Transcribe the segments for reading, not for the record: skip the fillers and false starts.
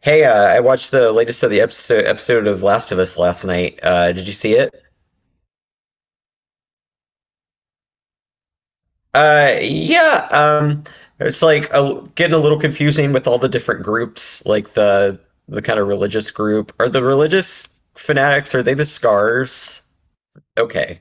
Hey, I watched the latest of the episode of Last of Us last night. Did you see it? Yeah. It's like getting a little confusing with all the different groups, like the kind of religious group. Are the religious fanatics, are they the scars? Okay.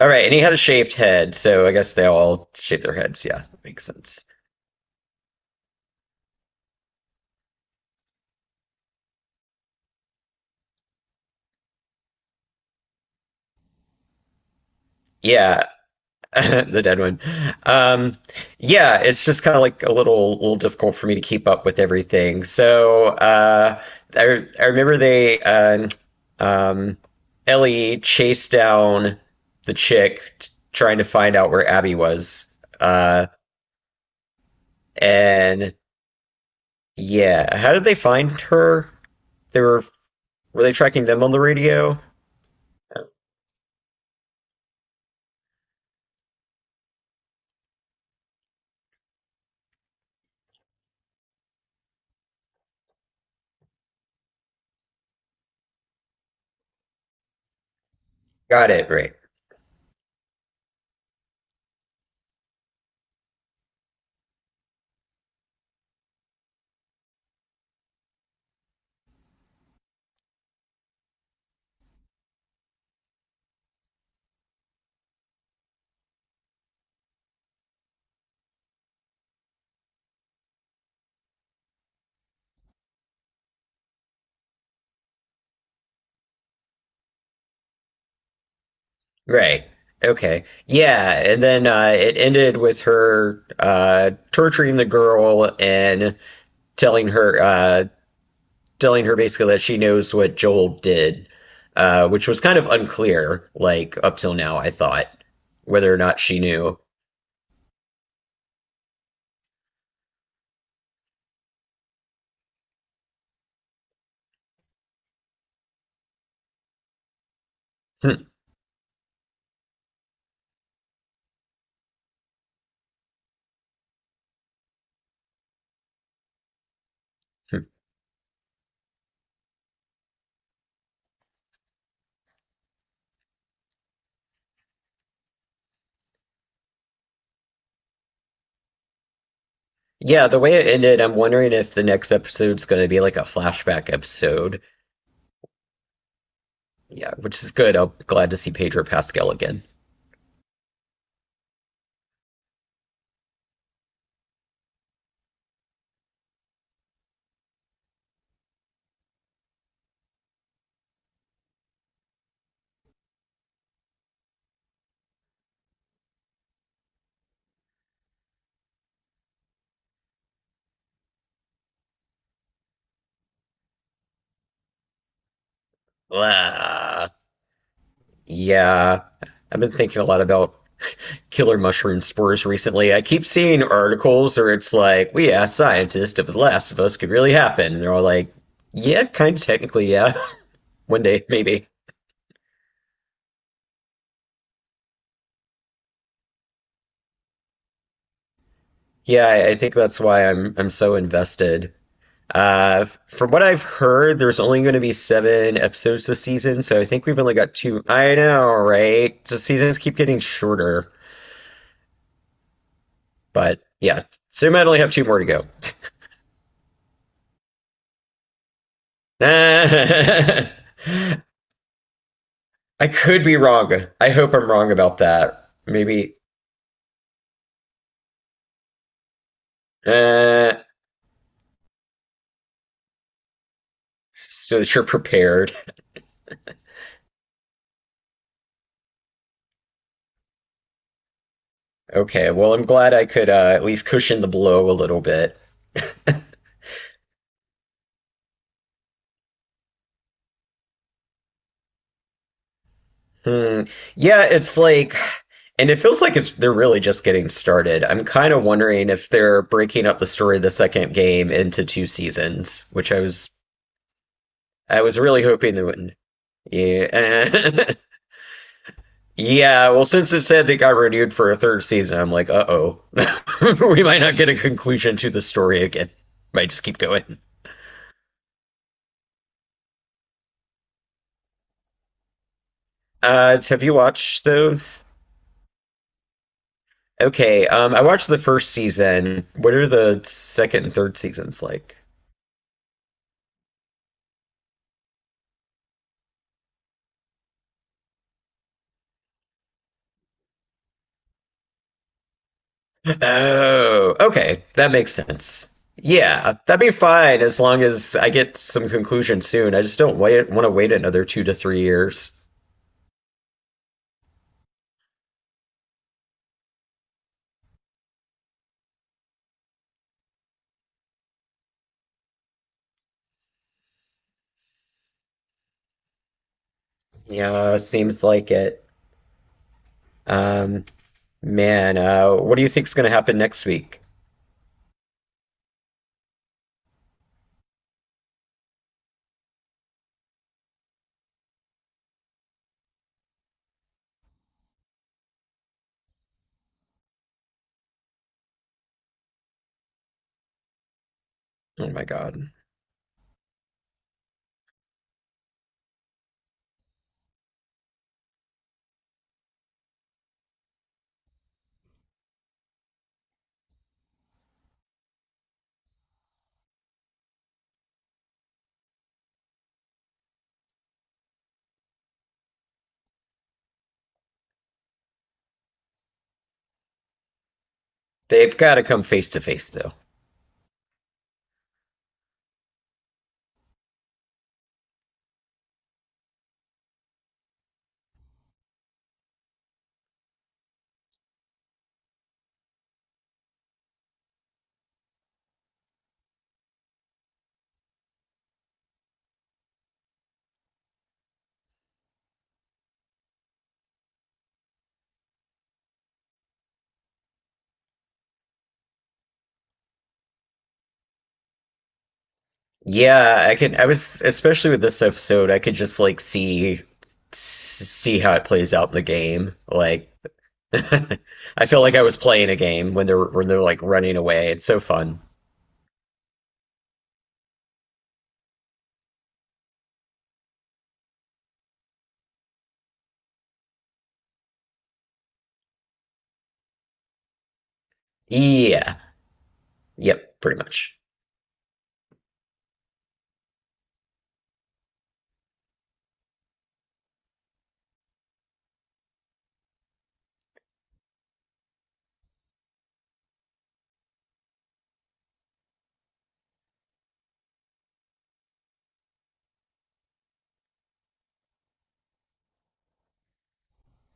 All right, and he had a shaved head, so I guess they all shave their heads. Yeah, that makes sense. Yeah, the dead one. Um, yeah, it's just kind of like a little difficult for me to keep up with everything. So I remember they um, Ellie chased down the chick trying to find out where Abby was. Uh, and yeah, how did they find her? They were they tracking them on the radio? Got it, right. Right. Okay. Yeah, and then it ended with her torturing the girl and telling her uh, telling her basically that she knows what Joel did, which was kind of unclear, like up till now, I thought, whether or not she knew. Hmm. Yeah, the way it ended, I'm wondering if the next episode's going to be like a flashback episode. Yeah, which is good. I'm glad to see Pedro Pascal again. Blah. Yeah, I've been thinking a lot about killer mushroom spores recently. I keep seeing articles where it's like, we asked scientists if The Last of Us could really happen. And they're all like, yeah, kind of technically, yeah. One day, maybe. Yeah, I think that's why I'm so invested. From what I've heard, there's only going to be seven episodes this season, so I think we've only got two. I know, right? The seasons keep getting shorter, but yeah, so we might only have two more to go. I I could be wrong. I hope I'm wrong about that. Maybe. Uh, so that you're prepared. Okay, well, I'm glad I could at least cushion the blow a little bit. Hmm. Yeah, it's like, and it feels like it's they're really just getting started. I'm kind of wondering if they're breaking up the story of the second game into two seasons, which I was really hoping they wouldn't. Yeah. Yeah, well, since it said it got renewed for a third season, I'm like, uh-oh. We might not get a conclusion to the story again. Might just keep going. Have you watched those? Okay, I watched the first season. What are the second and third seasons like? Oh, okay, that makes sense. Yeah, that'd be fine as long as I get some conclusion soon. I just don't wait, want to wait another two to three years. Yeah, seems like it. Um, Man, what do you think's going to happen next week? Oh my God. They've got to come face to face though. Yeah, I was especially with this episode, I could just like see how it plays out in the game. Like I feel like I was playing a game when they're like running away. It's so fun. Yeah. Yep, pretty much.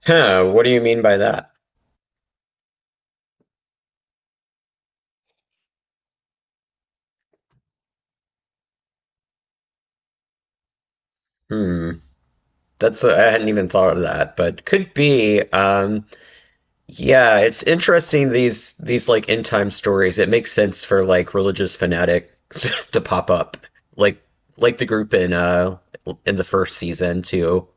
Huh, what do you mean by that? Hmm. That's I hadn't even thought of that, but could be. Yeah, it's interesting these like end time stories. It makes sense for like religious fanatics to pop up. Like like the group in the first season too.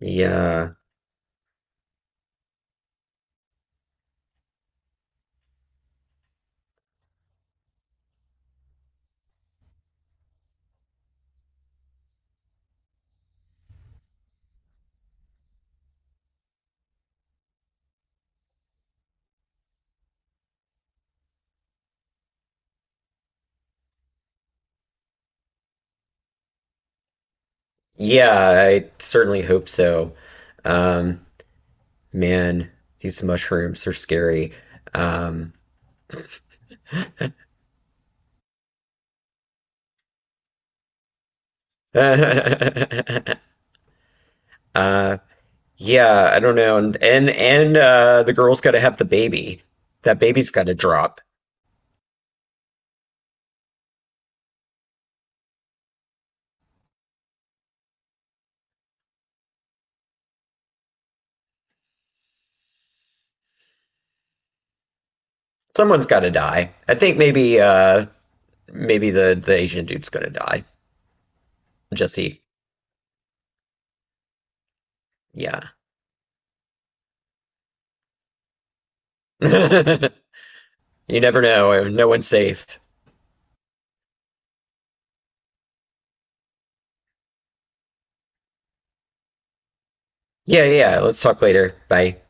Yeah. Yeah, I certainly hope so. Um man, these mushrooms are scary. Um uh yeah, I don't know. And the girl's gotta have the baby. That baby's gotta drop. Someone's gotta die. I think maybe the Asian dude's gonna die. Jesse, yeah. You never know. No one's safe. Yeah, yeah, yeah. Let's talk later. Bye.